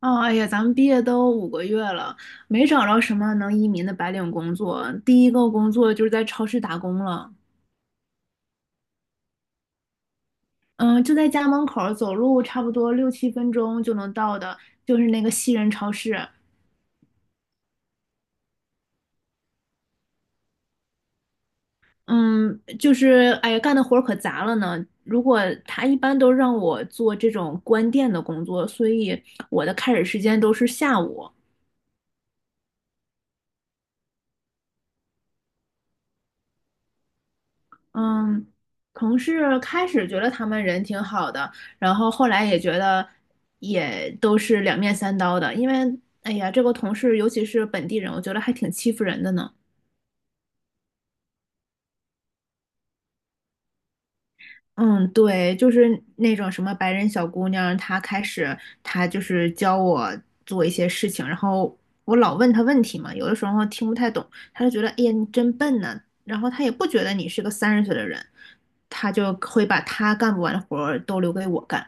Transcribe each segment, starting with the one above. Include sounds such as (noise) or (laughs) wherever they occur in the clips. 哦，哎呀，咱们毕业都五个月了，没找着什么能移民的白领工作。第一个工作就是在超市打工了，嗯，就在家门口儿，走路差不多6、7分钟就能到的，就是那个西人超市。嗯，就是哎呀，干的活儿可杂了呢。他一般都让我做这种关店的工作，所以我的开始时间都是下午。嗯，同事开始觉得他们人挺好的，然后后来也觉得也都是两面三刀的，因为哎呀，这个同事尤其是本地人，我觉得还挺欺负人的呢。嗯，对，就是那种什么白人小姑娘，她开始她就是教我做一些事情，然后我老问她问题嘛，有的时候听不太懂，她就觉得哎呀你真笨呐，然后她也不觉得你是个30岁的人，她就会把她干不完的活儿都留给我干。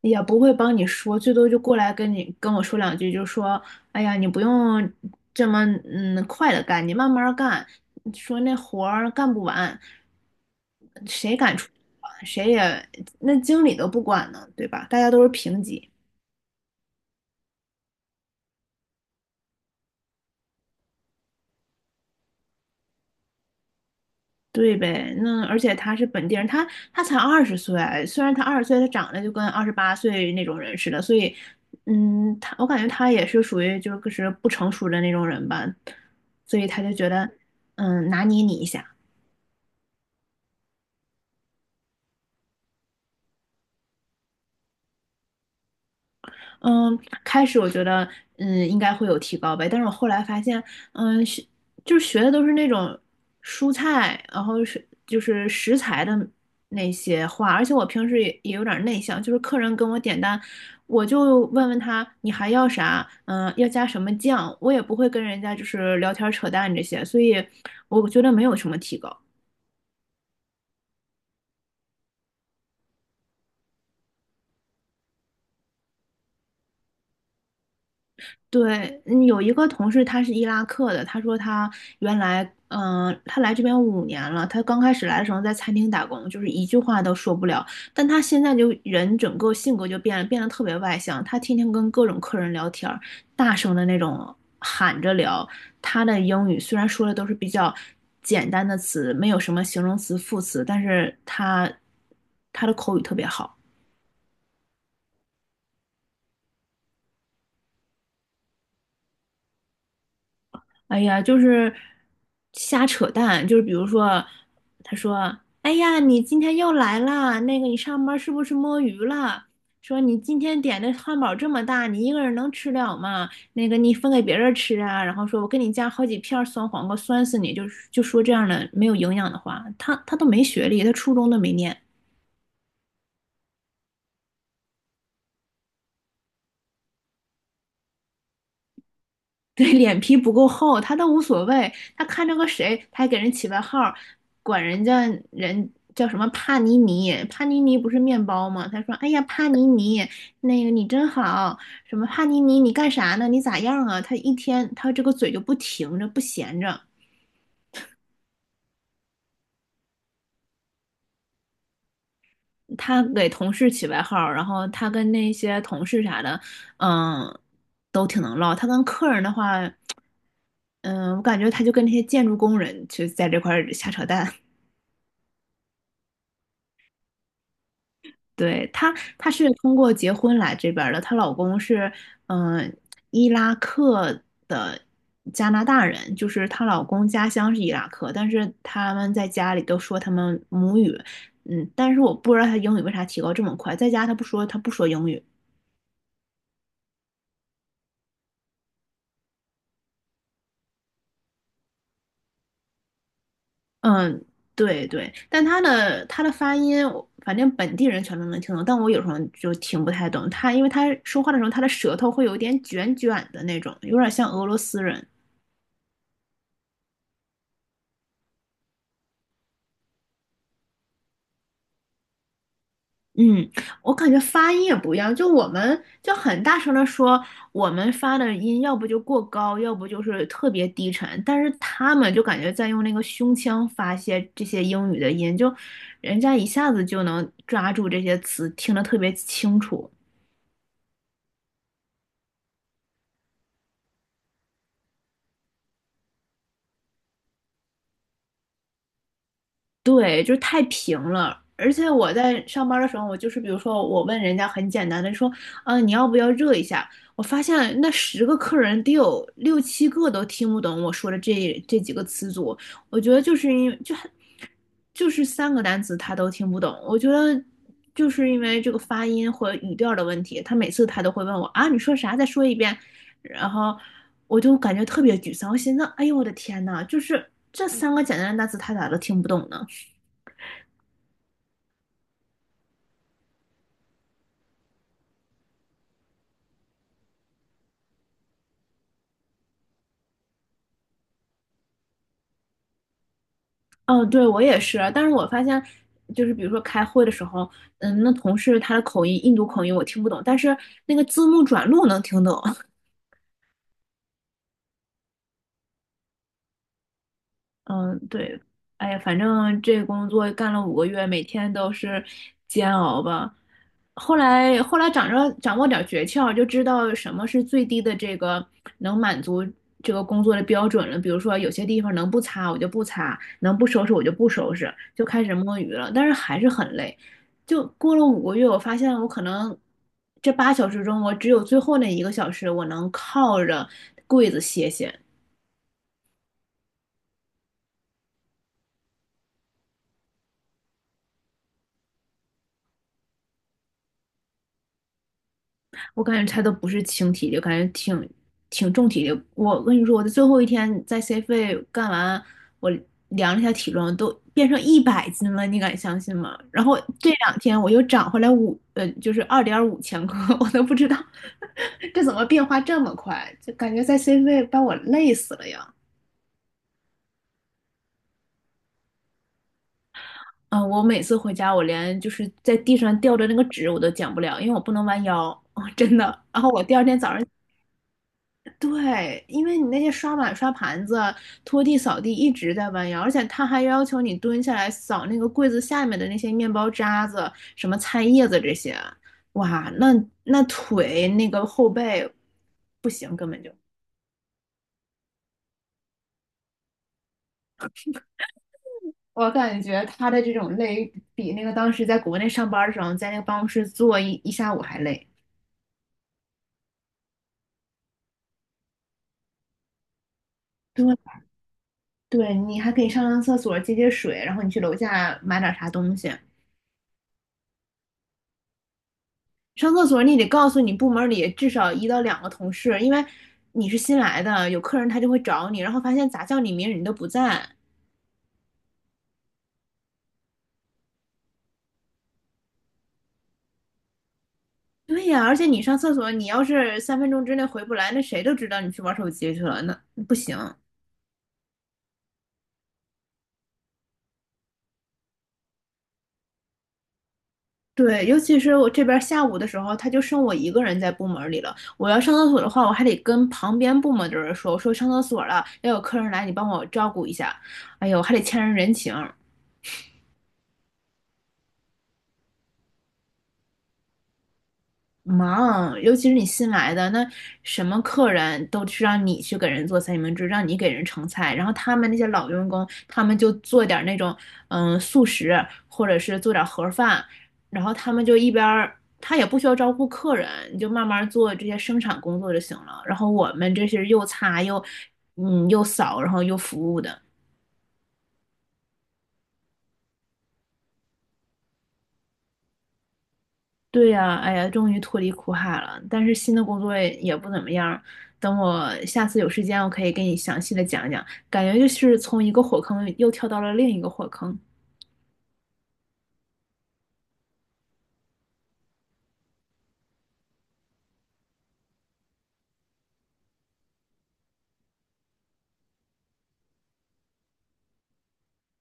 也不会帮你说，最多就过来跟我说两句，就说，哎呀，你不用这么快的干，你慢慢儿干，说那活儿干不完，谁敢出去管谁也那经理都不管呢，对吧？大家都是平级。对呗，那而且他是本地人，他才二十岁啊，虽然他二十岁，他长得就跟28岁那种人似的，所以，嗯，我感觉他也是属于就是不成熟的那种人吧，所以他就觉得，拿捏你一下。嗯，开始我觉得应该会有提高呗，但是我后来发现，嗯，学就是学的都是那种蔬菜，就是食材的那些话，而且我平时也有点内向，就是客人跟我点单，我就问问他你还要啥，要加什么酱，我也不会跟人家就是聊天扯淡这些，所以我觉得没有什么提高。对，有一个同事他是伊拉克的，他说他原来，嗯、他来这边5年了，他刚开始来的时候在餐厅打工，就是一句话都说不了，但他现在就人整个性格就变了，变得特别外向，他天天跟各种客人聊天儿，大声的那种喊着聊，他的英语虽然说的都是比较简单的词，没有什么形容词、副词，但是他的口语特别好。哎呀，就是瞎扯淡，就是比如说，他说："哎呀，你今天又来啦，那个你上班是不是摸鱼了？说你今天点的汉堡这么大，你一个人能吃了吗？那个你分给别人吃啊。"然后说："我给你加好几片酸黄瓜，酸死你！"就说这样的没有营养的话，他都没学历，他初中都没念。对，脸皮不够厚，他倒无所谓。他看着个谁，他还给人起外号儿管人家人叫什么帕尼尼，帕尼尼不是面包吗？他说："哎呀，帕尼尼，那个你真好，什么帕尼尼，你干啥呢？你咋样啊？"他一天他这个嘴就不停着，不闲着。他给同事起外号儿然后他跟那些同事啥的，嗯，都挺能唠。他跟客人的话，嗯，我感觉他就跟那些建筑工人就在这块儿瞎扯淡。对，她是通过结婚来这边儿的，她老公是嗯、呃伊拉克的加拿大人，就是她老公家乡是伊拉克，但是他们在家里都说他们母语，嗯，但是我不知道她英语为啥提高这么快，在家她不说英语，嗯，对对，但她的发音，我反正本地人全都能听懂，但我有时候就听不太懂她，因为她说话的时候，她的舌头会有点卷卷的那种，有点像俄罗斯人。嗯，我感觉发音也不一样，就我们就很大声的说，我们发的音要不就过高，要不就是特别低沉，但是他们就感觉在用那个胸腔发泄这些英语的音，就人家一下子就能抓住这些词，听得特别清楚。对，就是太平了。而且我在上班的时候，我就是比如说，我问人家很简单的说，啊，你要不要热一下？我发现那10个客人得有6、7个都听不懂我说的这几个词组。我觉得就是因为就是3个单词他都听不懂。我觉得就是因为这个发音和语调的问题，他每次他都会问我啊，你说啥？再说一遍。然后我就感觉特别沮丧，我寻思，哎呦我的天呐，就是这三个简单的单词他咋都听不懂呢？哦，对，我也是，但是我发现，就是比如说开会的时候，那同事他的口音，印度口音我听不懂，但是那个字幕转录能听懂。嗯，对，哎呀，反正这工作干了五个月，每天都是煎熬吧。后来掌握掌握点儿诀窍，就知道什么是最低的这个能满足这个工作的标准了。比如说，有些地方能不擦我就不擦，能不收拾我就不收拾，就开始摸鱼了。但是还是很累。就过了五个月，我发现我可能这8小时中，我只有最后那1个小时，我能靠着柜子歇歇。我感觉他都不是轻体力，感觉挺重体力。我跟你说，我的最后一天在 C 费干完，我量了一下体重，都变成100斤了，你敢相信吗？然后这两天我又长回来就是2.5千克，(laughs) 我都不知道 (laughs) 这怎么变化这么快，就感觉在 C 费把我累死了呀。嗯，我每次回家，我连就是在地上吊着那个纸我都捡不了，因为我不能弯腰，(laughs) 真的。然后我第二天早上。对，因为你那些刷碗、刷盘子、拖地、扫地一直在弯腰，而且他还要求你蹲下来扫那个柜子下面的那些面包渣子、什么菜叶子这些，哇，那腿那个后背不行，根本就。我感觉他的这种累，比那个当时在国内上班的时候，在那个办公室坐一下午还累。对，对你还可以上上厕所、接接水，然后你去楼下买点啥东西。上厕所你得告诉你部门里至少1到2个同事，因为你是新来的，有客人他就会找你，然后发现咋叫你名你都不在。对呀，而且你上厕所，你要是3分钟之内回不来，那谁都知道你去玩手机去了，那不行。对，尤其是我这边下午的时候，他就剩我一个人在部门里了。我要上厕所的话，我还得跟旁边部门的人说，我说上厕所了，要有客人来，你帮我照顾一下。哎呦，还得欠人人情。忙，尤其是你新来的，那什么客人都是让你去给人做三明治，让你给人盛菜，然后他们那些老员工，他们就做点儿那种素食，或者是做点儿盒饭，然后他们就一边儿，他也不需要招呼客人，你就慢慢做这些生产工作就行了。然后我们这些又擦又又扫，然后又服务的。对呀，哎呀，终于脱离苦海了。但是新的工作也不怎么样。等我下次有时间，我可以给你详细的讲讲。感觉就是从一个火坑又跳到了另一个火坑，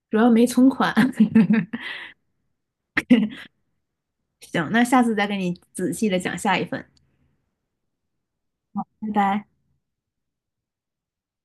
主要没存款。(laughs) 行，那下次再给你仔细的讲下一份。拜拜。